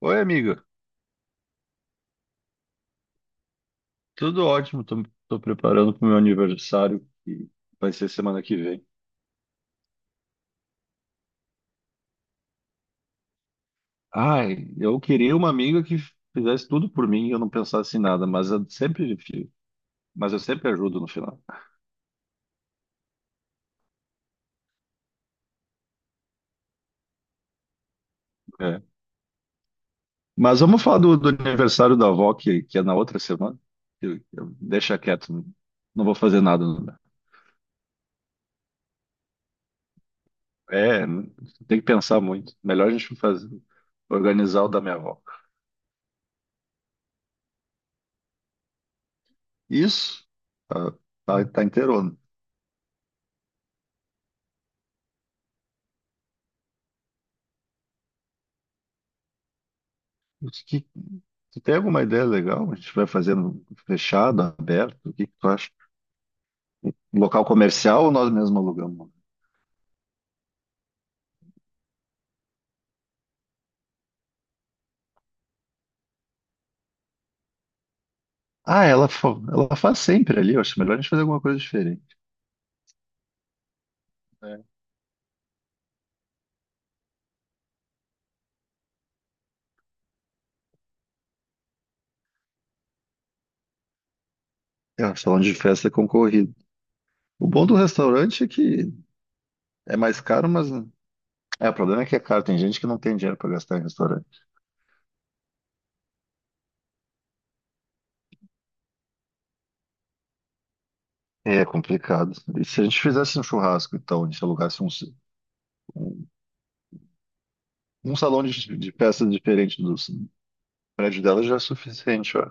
Oi, amiga. Tudo ótimo. Tô preparando pro meu aniversário, que vai ser semana que vem. Ai, eu queria uma amiga que fizesse tudo por mim e eu não pensasse em nada, mas eu sempre ajudo no final. É. Mas vamos falar do aniversário da avó, que é na outra semana. Deixa quieto, não vou fazer nada. Não. É, tem que pensar muito. Melhor a gente fazer, organizar o da minha avó. Isso, tá, tá inteiro. O que- Tu tem alguma ideia legal? A gente vai fazendo fechado, aberto? O que que tu acha? Um local comercial ou nós mesmos alugamos? Ah, ela, ela faz sempre ali. Eu acho melhor a gente fazer alguma coisa diferente. É, É, o salão de festa é concorrido. O bom do restaurante é que é mais caro, mas, né? É, o problema é que é caro. Tem gente que não tem dinheiro para gastar em restaurante. É complicado. E se a gente fizesse um churrasco, então, a gente alugasse um, um salão de festa diferente do prédio dela já é suficiente, ó.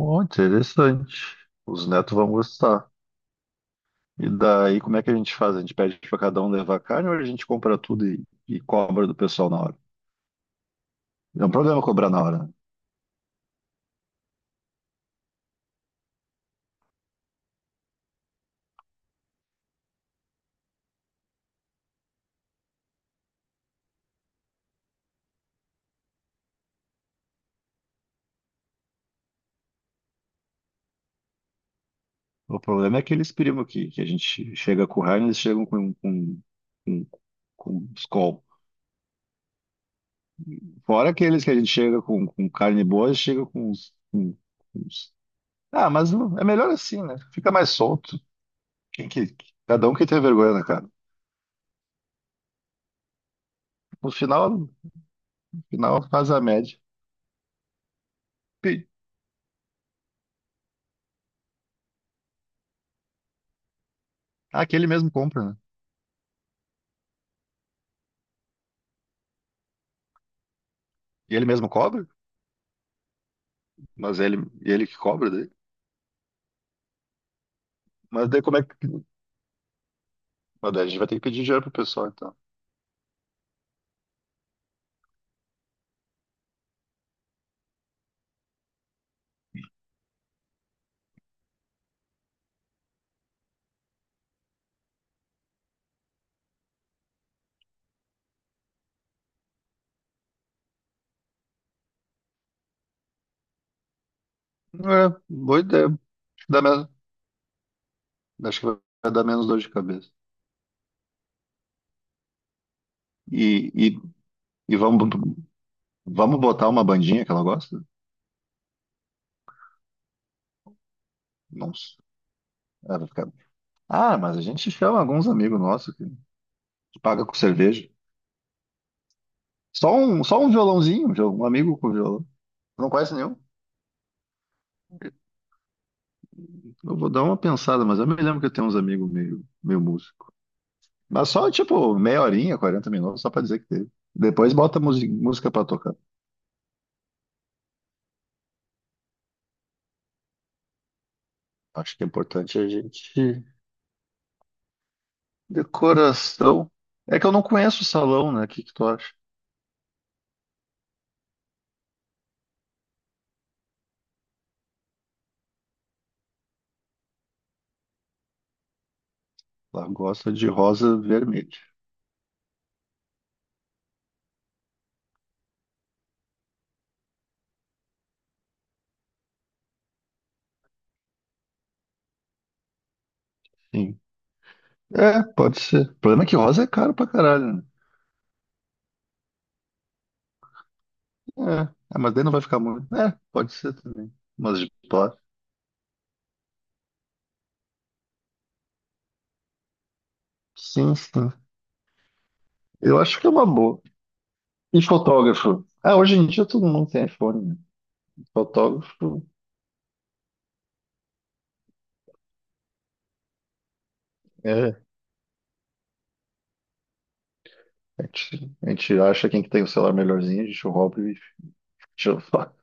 Oh, interessante. Os netos vão gostar. E daí, como é que a gente faz? A gente pede para cada um levar carne ou a gente compra tudo e cobra do pessoal na hora? É um problema cobrar na hora, né? O problema é aqueles primos que a gente chega com carne, eles chegam com, com Skol. Fora aqueles que a gente chega com carne boa, eles chegam com uns, com uns- ah, é melhor assim, né? Fica mais solto. Quem que... Cada um que tem vergonha na cara. No final faz a média. Pi- Aquele mesmo compra, né? E ele mesmo cobra? Mas ele que cobra daí? Mas daí como é que. Mas daí a gente vai ter que pedir dinheiro pro pessoal, então. É, boa ideia. Acho que vai dar menos dor de cabeça. E, e, e vamos botar uma bandinha que ela gosta? Nossa. ela vai ficar- Ah, mas a gente chama alguns amigos nossos que paga com cerveja. Só um violãozinho, já, um amigo com violão. Não conhece nenhum? Eu vou dar uma pensada, mas eu me lembro que eu tenho uns amigos meio músicos. Mas só, tipo, meia horinha, 40 minutos, só pra dizer que teve. Depois bota música pra tocar. Acho que é importante a gente. Decoração. É que eu não conheço o salão, né? O que que tu acha? Ela gosta de rosa vermelha. Sim. É, pode ser. O problema é que rosa é caro pra caralho, né? É, ah, mas daí não vai ficar muito. É, pode ser também. Mas de plástico. Sim, sim. Eu acho que é uma boa. E fotógrafo? Ah, hoje em dia todo mundo tem iPhone, né? Fotógrafo. É, a gente acha quem que tem o celular melhorzinho, a gente rouba e tira foto.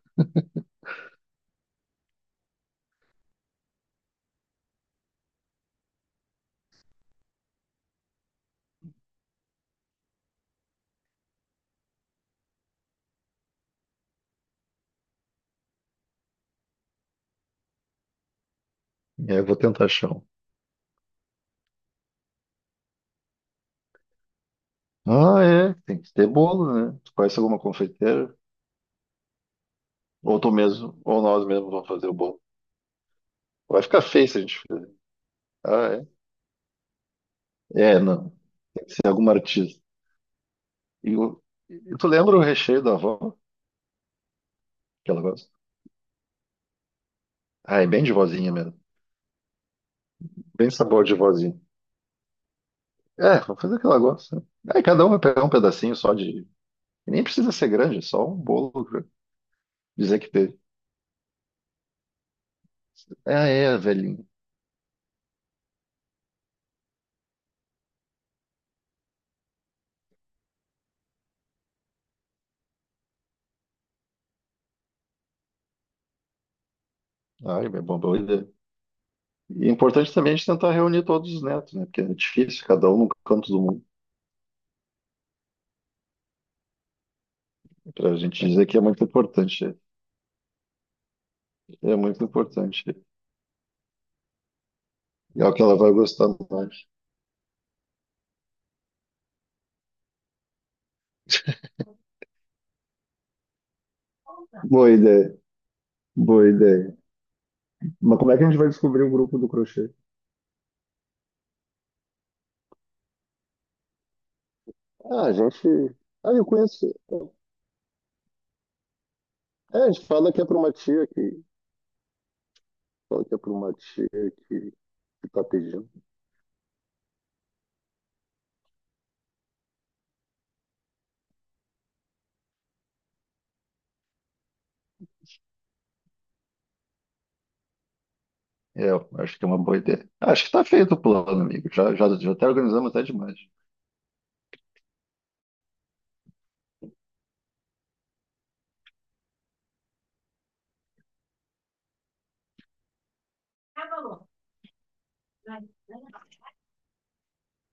E aí eu vou tentar achar um. Ah, é, tem que ter bolo, né? Tu conhece alguma confeiteira? Ou nós mesmos vamos fazer o bolo. Vai ficar feio se a gente fizer. Ah, é? É, não. Tem que ser alguma artista. E, o- e tu lembra o recheio da avó que ela gosta? Ah, é bem de vozinha mesmo. Bem sabor de vozinha. É, vamos fazer o que ela gosta, né? Aí cada um vai pegar um pedacinho só de, e nem precisa ser grande, é só um bolo. Pra dizer que teve. Ah, é, velhinho. Ah, é uma boa ideia. E é importante também a gente tentar reunir todos os netos, né? Porque é difícil, cada um no canto do mundo, para a gente dizer que é muito importante. É muito importante. É o que ela vai gostar mais. Boa ideia, boa ideia. Mas como é que a gente vai descobrir o grupo do crochê? Ah, a gente. Ah, eu conheço. É, a gente fala que é para uma tia que. Fala que é para uma tia que, que tá pedindo. É, eu acho que é uma boa ideia. Acho que tá feito o plano, amigo. Já até organizamos até demais.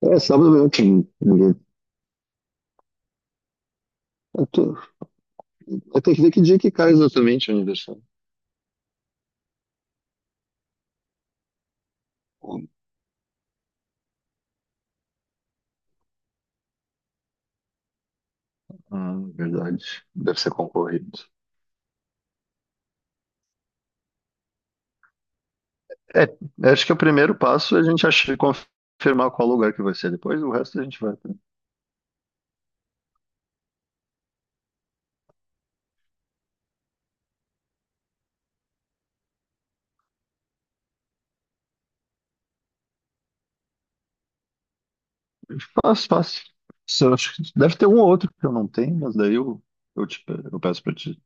É, sábado eu te... Eu tenho que ver que dia que cai exatamente o aniversário. Ah, verdade. Deve ser concorrido. É, eu acho que o primeiro passo é a gente achar, confirmar qual lugar que vai ser depois, o resto a gente vai. Fácil, fácil. Isso eu acho que deve ter um ou outro que eu não tenho, mas daí eu peço pra ti.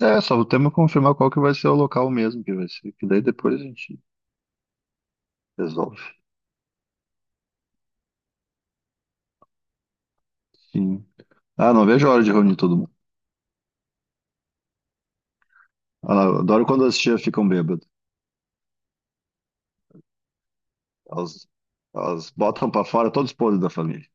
É, só temos que confirmar qual que vai ser o local mesmo que vai ser, que daí depois a gente resolve. Sim. Ah, não vejo a hora de reunir todo mundo. Ah, não, eu adoro quando as tias ficam bêbadas. Elas, elas botam pra fora todos os podres da família.